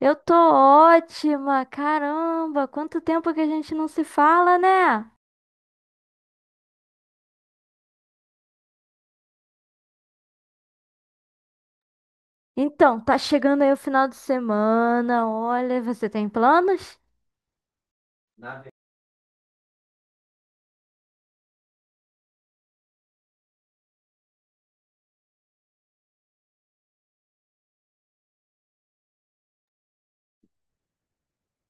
Eu tô ótima, caramba, quanto tempo que a gente não se fala, né? Então, tá chegando aí o final de semana, olha, você tem planos?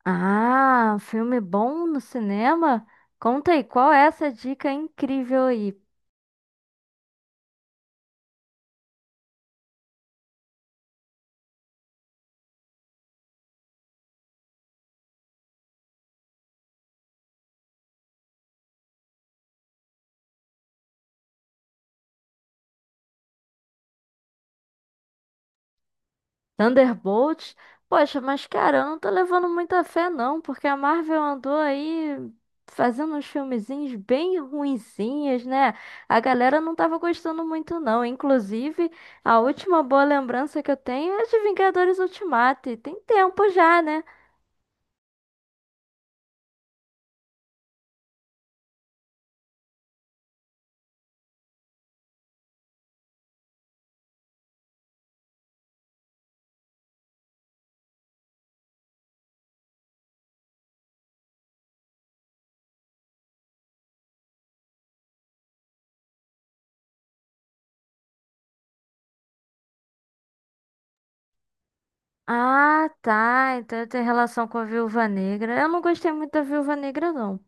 Ah, filme bom no cinema? Conta aí, qual é essa dica incrível aí? Thunderbolts? Poxa, mas cara, eu não tô levando muita fé não, porque a Marvel andou aí fazendo uns filmezinhos bem ruinzinhos, né? A galera não tava gostando muito não. Inclusive, a última boa lembrança que eu tenho é de Vingadores Ultimato, e tem tempo já, né? Ah, tá. Então tem relação com a Viúva Negra. Eu não gostei muito da Viúva Negra, não.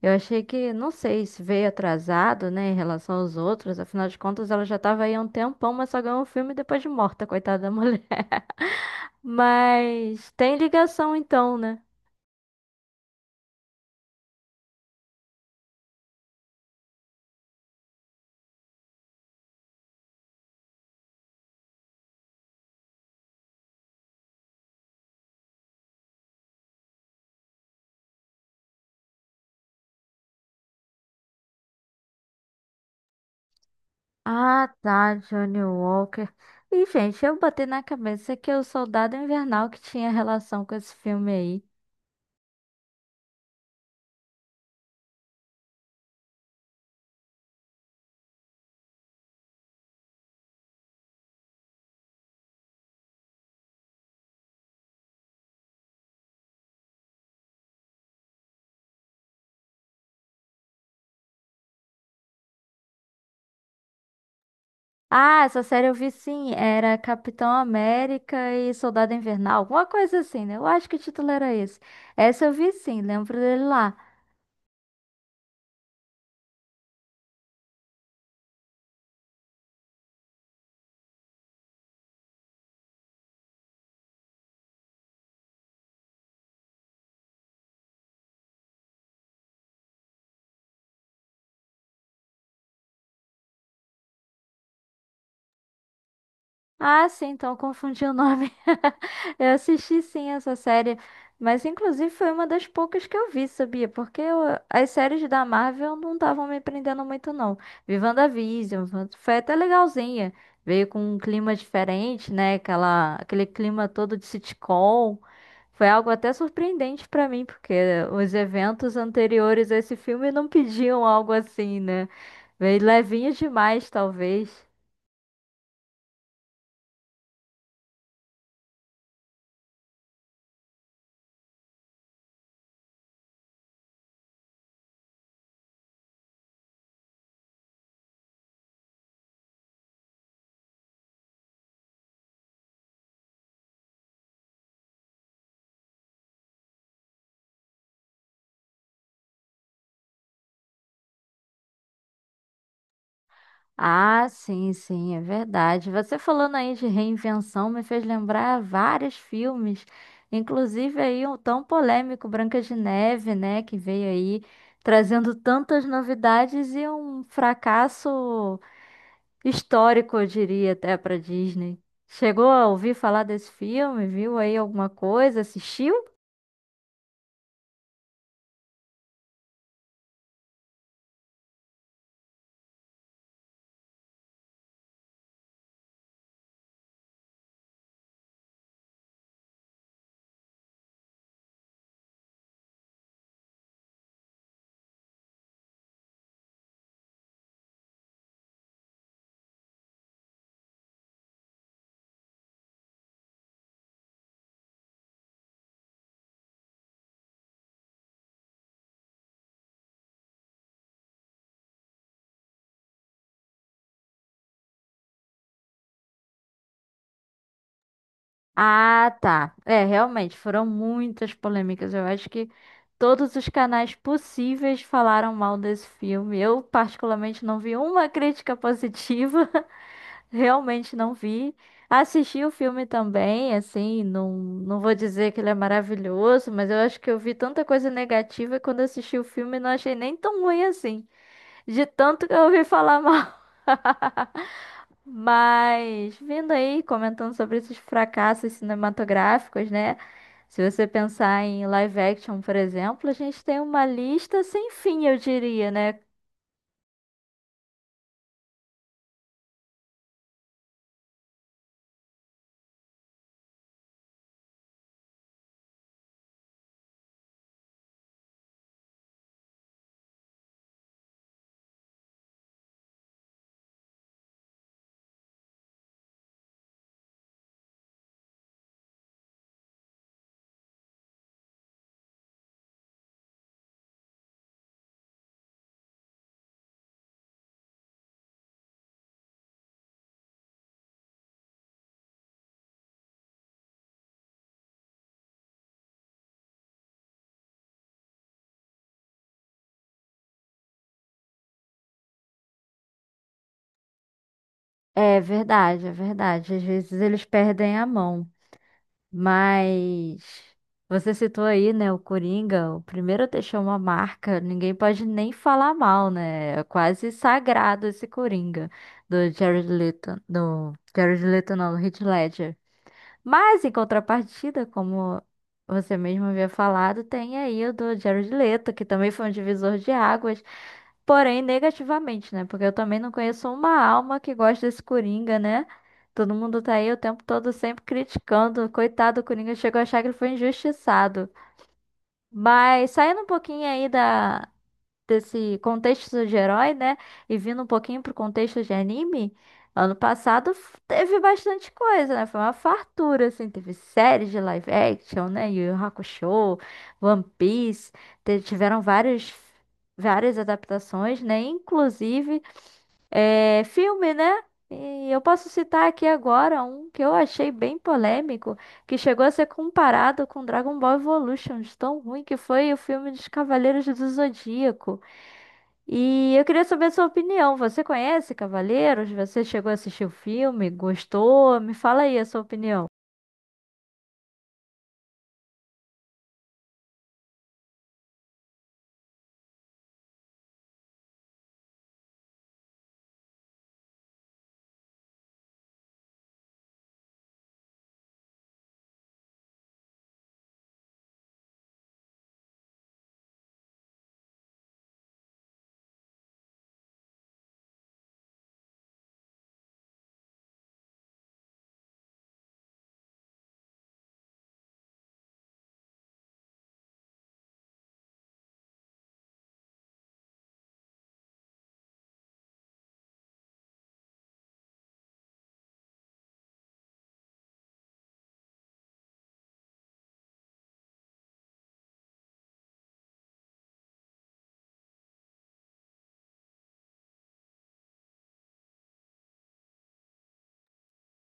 Eu achei que, não sei, se veio atrasado, né, em relação aos outros. Afinal de contas, ela já tava aí há um tempão, mas só ganhou o filme depois de morta, coitada da mulher. Mas tem ligação então, né? Ah, tá, Johnny Walker. E, gente, eu botei na cabeça que é o Soldado Invernal que tinha relação com esse filme aí. Ah, essa série eu vi sim, era Capitão América e Soldado Invernal, alguma coisa assim, né? Eu acho que o título era esse. Essa eu vi sim, lembro dele lá. Ah, sim, então confundi o nome. Eu assisti sim essa série, mas inclusive foi uma das poucas que eu vi, sabia? Porque as séries da Marvel não estavam me prendendo muito, não. Vi WandaVision, foi até legalzinha. Veio com um clima diferente, né? Aquele clima todo de sitcom. Foi algo até surpreendente pra mim, porque os eventos anteriores a esse filme não pediam algo assim, né? Veio levinho demais, talvez. Ah, sim, sim, é verdade. Você falando aí de reinvenção me fez lembrar vários filmes, inclusive aí o tão polêmico Branca de Neve, né, que veio aí trazendo tantas novidades e um fracasso histórico, eu diria até para Disney. Chegou a ouvir falar desse filme? Viu aí alguma coisa? Assistiu? Ah, tá. É, realmente, foram muitas polêmicas. Eu acho que todos os canais possíveis falaram mal desse filme. Eu, particularmente, não vi uma crítica positiva. Realmente não vi. Assisti o filme também, assim, não, não vou dizer que ele é maravilhoso, mas eu acho que eu vi tanta coisa negativa e quando assisti o filme não achei nem tão ruim assim, de tanto que eu ouvi falar mal. Mas, vindo aí, comentando sobre esses fracassos cinematográficos, né? Se você pensar em live action, por exemplo, a gente tem uma lista sem fim, eu diria, né? É verdade, é verdade. Às vezes eles perdem a mão. Mas você citou aí, né, o Coringa, o primeiro a deixar uma marca, ninguém pode nem falar mal, né? É quase sagrado esse Coringa do Jared Leto, não, do Heath Ledger. Mas, em contrapartida, como você mesmo havia falado, tem aí o do Jared Leto, que também foi um divisor de águas, porém negativamente, né? Porque eu também não conheço uma alma que gosta desse Coringa, né? Todo mundo tá aí o tempo todo sempre criticando. Coitado do Coringa, chegou a achar que ele foi injustiçado. Mas saindo um pouquinho aí da desse contexto de herói, né? E vindo um pouquinho pro contexto de anime, ano passado teve bastante coisa, né? Foi uma fartura, assim. Teve séries de live action, né? Yu Yu Hakusho, One Piece. Tiveram vários, várias adaptações, né? Inclusive filme, né? E eu posso citar aqui agora um que eu achei bem polêmico, que chegou a ser comparado com Dragon Ball Evolution, de tão ruim que foi o filme dos Cavaleiros do Zodíaco. E eu queria saber a sua opinião. Você conhece Cavaleiros? Você chegou a assistir o filme? Gostou? Me fala aí a sua opinião.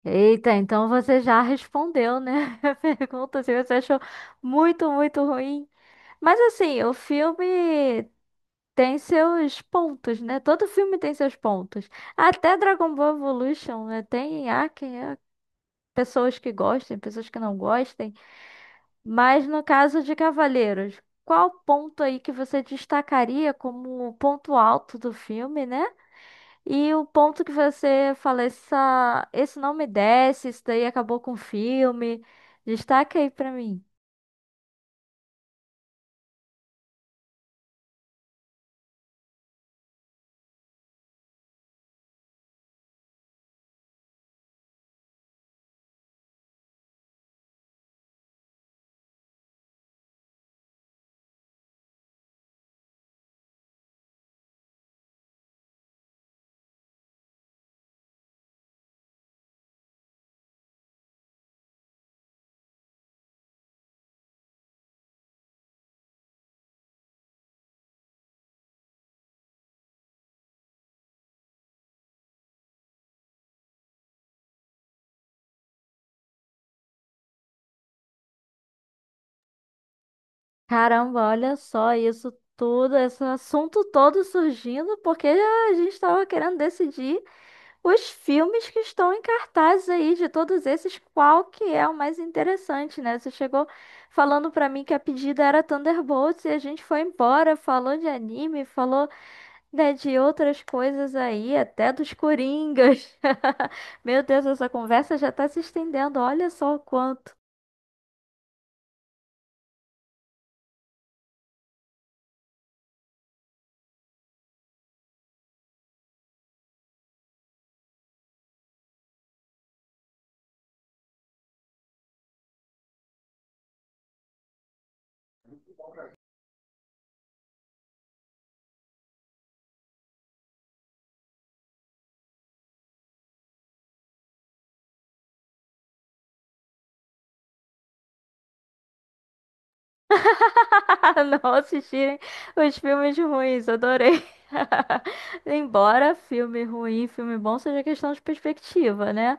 Eita, então você já respondeu, né? A pergunta se você achou muito, muito ruim. Mas assim, o filme tem seus pontos, né? Todo filme tem seus pontos. Até Dragon Ball Evolution, né? Tem há pessoas que gostem, pessoas que não gostem. Mas no caso de Cavaleiros, qual ponto aí que você destacaria como o ponto alto do filme, né? E o ponto que você fala, esse não me desce, isso daí acabou com o filme. Destaca aí pra mim. Caramba, olha só isso tudo, esse assunto todo surgindo porque a gente tava querendo decidir. Os filmes que estão em cartaz aí, de todos esses, qual que é o mais interessante, né? Você chegou falando pra mim que a pedida era Thunderbolts e a gente foi embora, falou de anime, falou, né, de outras coisas aí, até dos Coringas. Meu Deus, essa conversa já tá se estendendo, olha só o quanto. Não assistirem os filmes ruins, adorei. Embora filme ruim, filme bom seja questão de perspectiva, né?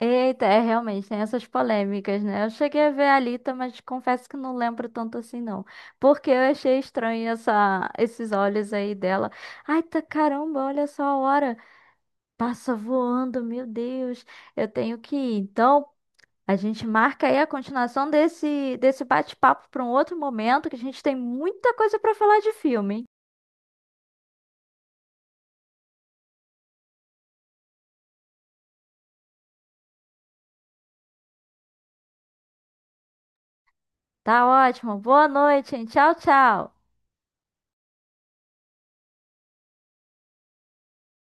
Eita, é realmente, tem essas polêmicas, né? Eu cheguei a ver a Alita, mas confesso que não lembro tanto assim, não. Porque eu achei estranho esses olhos aí dela. Ai, tá caramba, olha só a hora. Passa voando, meu Deus. Eu tenho que ir. Então, a gente marca aí a continuação desse bate-papo para um outro momento, que a gente tem muita coisa para falar de filme. Tá ótimo. Boa noite, hein? Tchau, tchau.